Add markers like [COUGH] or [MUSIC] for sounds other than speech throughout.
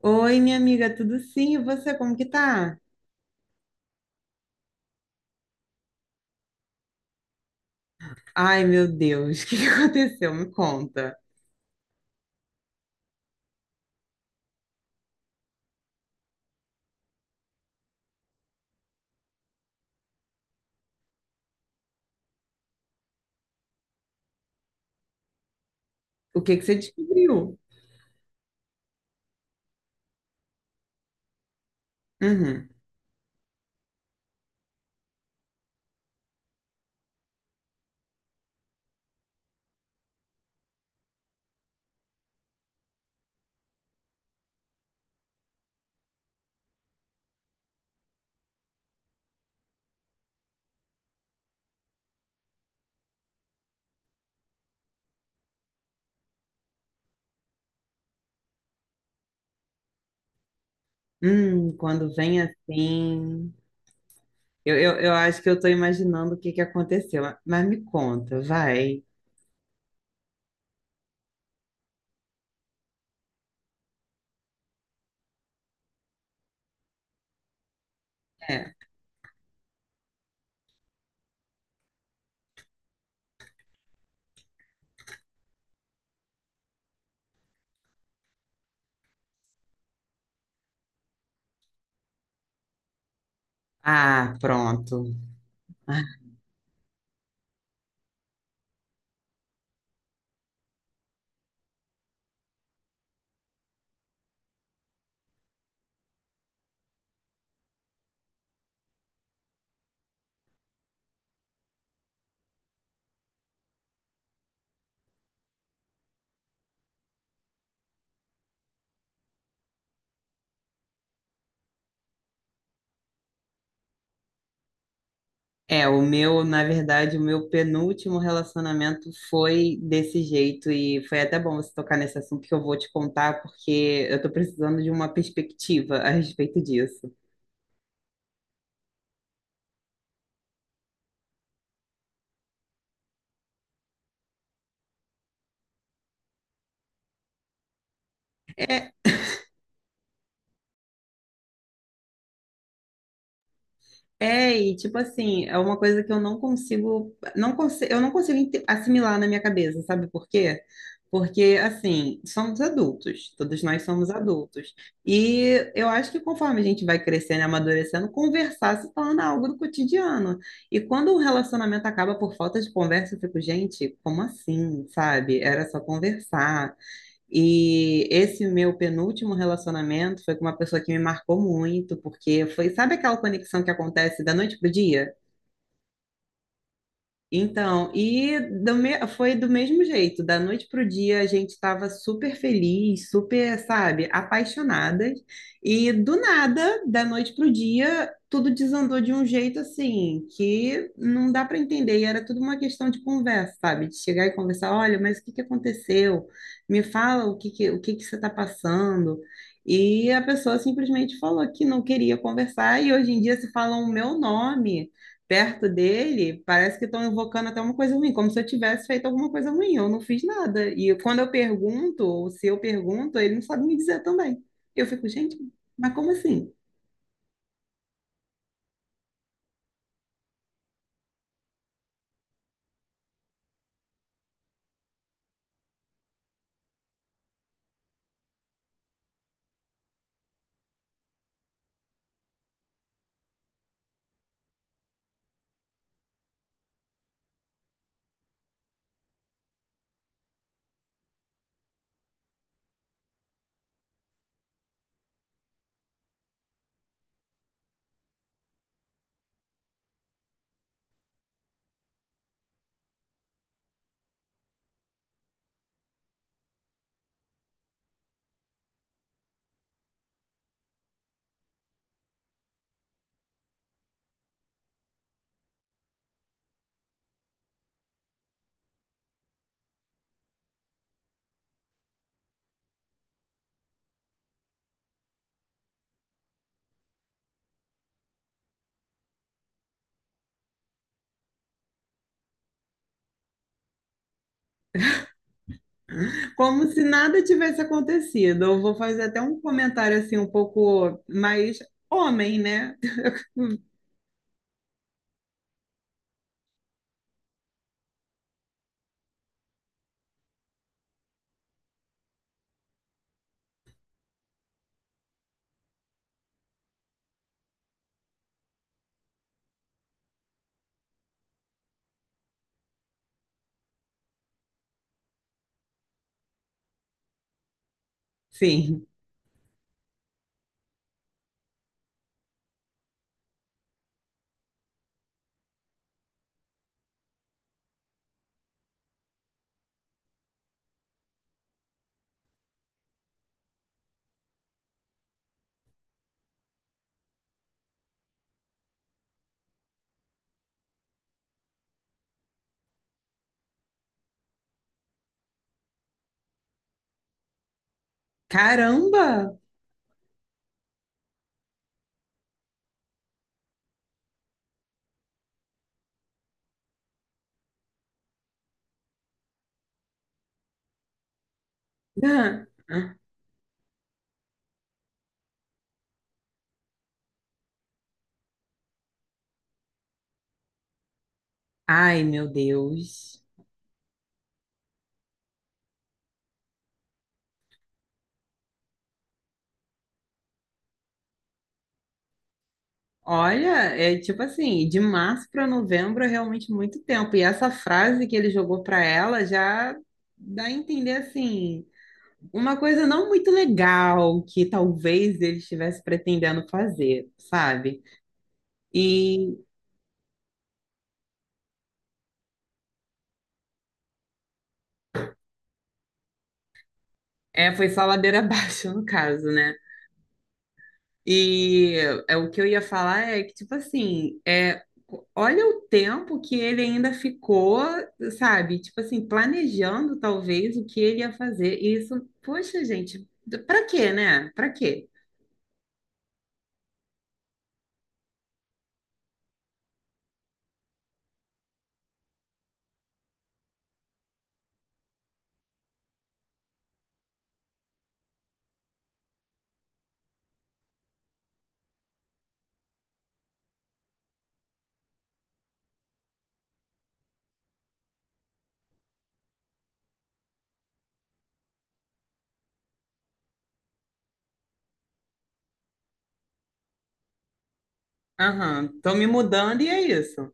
Oi, minha amiga, tudo sim? E você, como que tá? Ai, meu Deus, [LAUGHS] o que que aconteceu? Me conta. O que que você descobriu? Uhum. Quando vem assim... Eu acho que eu tô imaginando o que que aconteceu, mas me conta, vai. É. Ah, pronto. É, o meu, na verdade, o meu penúltimo relacionamento foi desse jeito e foi até bom você tocar nesse assunto que eu vou te contar porque eu tô precisando de uma perspectiva a respeito disso. É, é, e tipo assim, é uma coisa que eu não consigo assimilar na minha cabeça, sabe por quê? Porque, assim, somos adultos, todos nós somos adultos. E eu acho que conforme a gente vai crescendo e amadurecendo, conversar se torna algo do cotidiano. E quando um relacionamento acaba por falta de conversa, eu fico, gente, como assim, sabe? Era só conversar. E esse meu penúltimo relacionamento foi com uma pessoa que me marcou muito, porque foi, sabe aquela conexão que acontece da noite pro dia? Então, e foi do mesmo jeito, da noite para o dia a gente estava super feliz, super, sabe, apaixonadas, e do nada, da noite para o dia, tudo desandou de um jeito assim, que não dá para entender, e era tudo uma questão de conversa, sabe, de chegar e conversar, olha, mas o que que aconteceu? Me fala o que que você está passando? E a pessoa simplesmente falou que não queria conversar, e hoje em dia se falam o meu nome perto dele, parece que estão invocando até uma coisa ruim, como se eu tivesse feito alguma coisa ruim. Eu não fiz nada. E quando eu pergunto, ou se eu pergunto, ele não sabe me dizer também. Eu fico, gente, mas como assim? Como se nada tivesse acontecido. Eu vou fazer até um comentário assim, um pouco mais homem, né? Sim. Caramba! [LAUGHS] Ai, meu Deus. Olha, é tipo assim, de março para novembro é realmente muito tempo. E essa frase que ele jogou para ela já dá a entender assim, uma coisa não muito legal que talvez ele estivesse pretendendo fazer, sabe? E é, foi só ladeira [LAUGHS] abaixo no caso, né? E é, o que eu ia falar é que, tipo assim, é, olha o tempo que ele ainda ficou, sabe? Tipo assim, planejando talvez o que ele ia fazer. E isso, poxa, gente, pra quê, né? Pra quê? Aham, tô me mudando e é isso.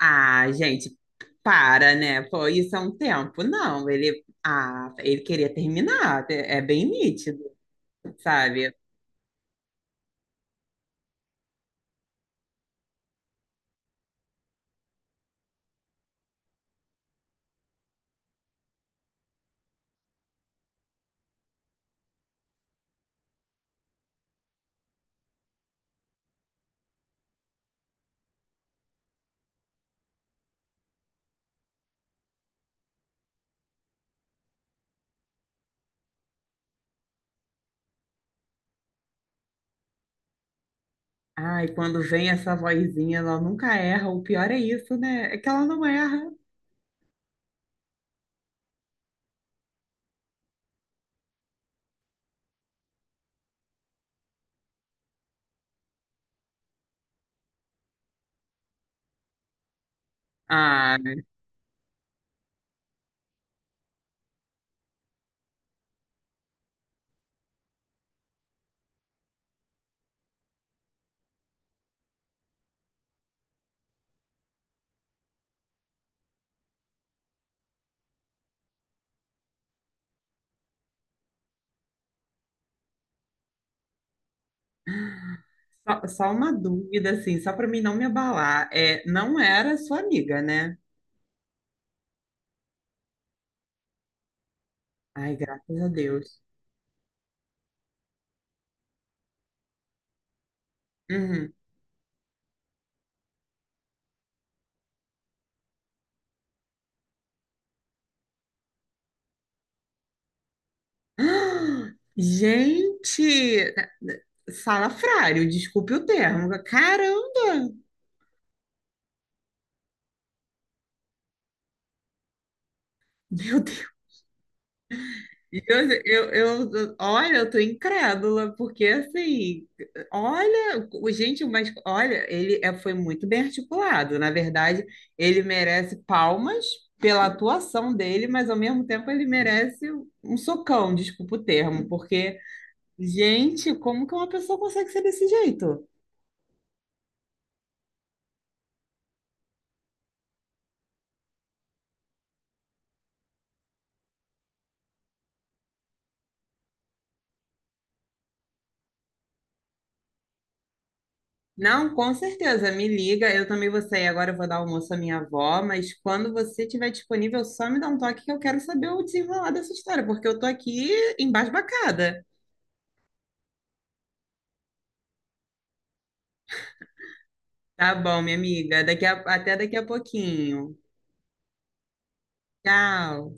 Ah, gente, para, né? Pô, isso é um tempo. Não, ele, ah, ele queria terminar, é bem nítido, sabe? Ai, quando vem essa vozinha, ela nunca erra. O pior é isso, né? É que ela não erra. Ah, só uma dúvida, assim, só para mim não me abalar. É, não era sua amiga, né? Ai, graças a Deus. Uhum. [GASPS] Ah, gente, salafrário, desculpe o termo. Caramba! Meu... E eu, olha, eu tô incrédula, porque assim, olha, gente, mas olha, foi muito bem articulado. Na verdade, ele merece palmas pela atuação dele, mas ao mesmo tempo ele merece um socão, desculpa o termo, porque, gente, como que uma pessoa consegue ser desse jeito? Não, com certeza, me liga. Eu também vou sair agora, eu vou dar almoço à minha avó, mas quando você estiver disponível, só me dá um toque que eu quero saber o desenrolar dessa história, porque eu tô aqui embasbacada. Tá bom, minha amiga. Até daqui a pouquinho. Tchau.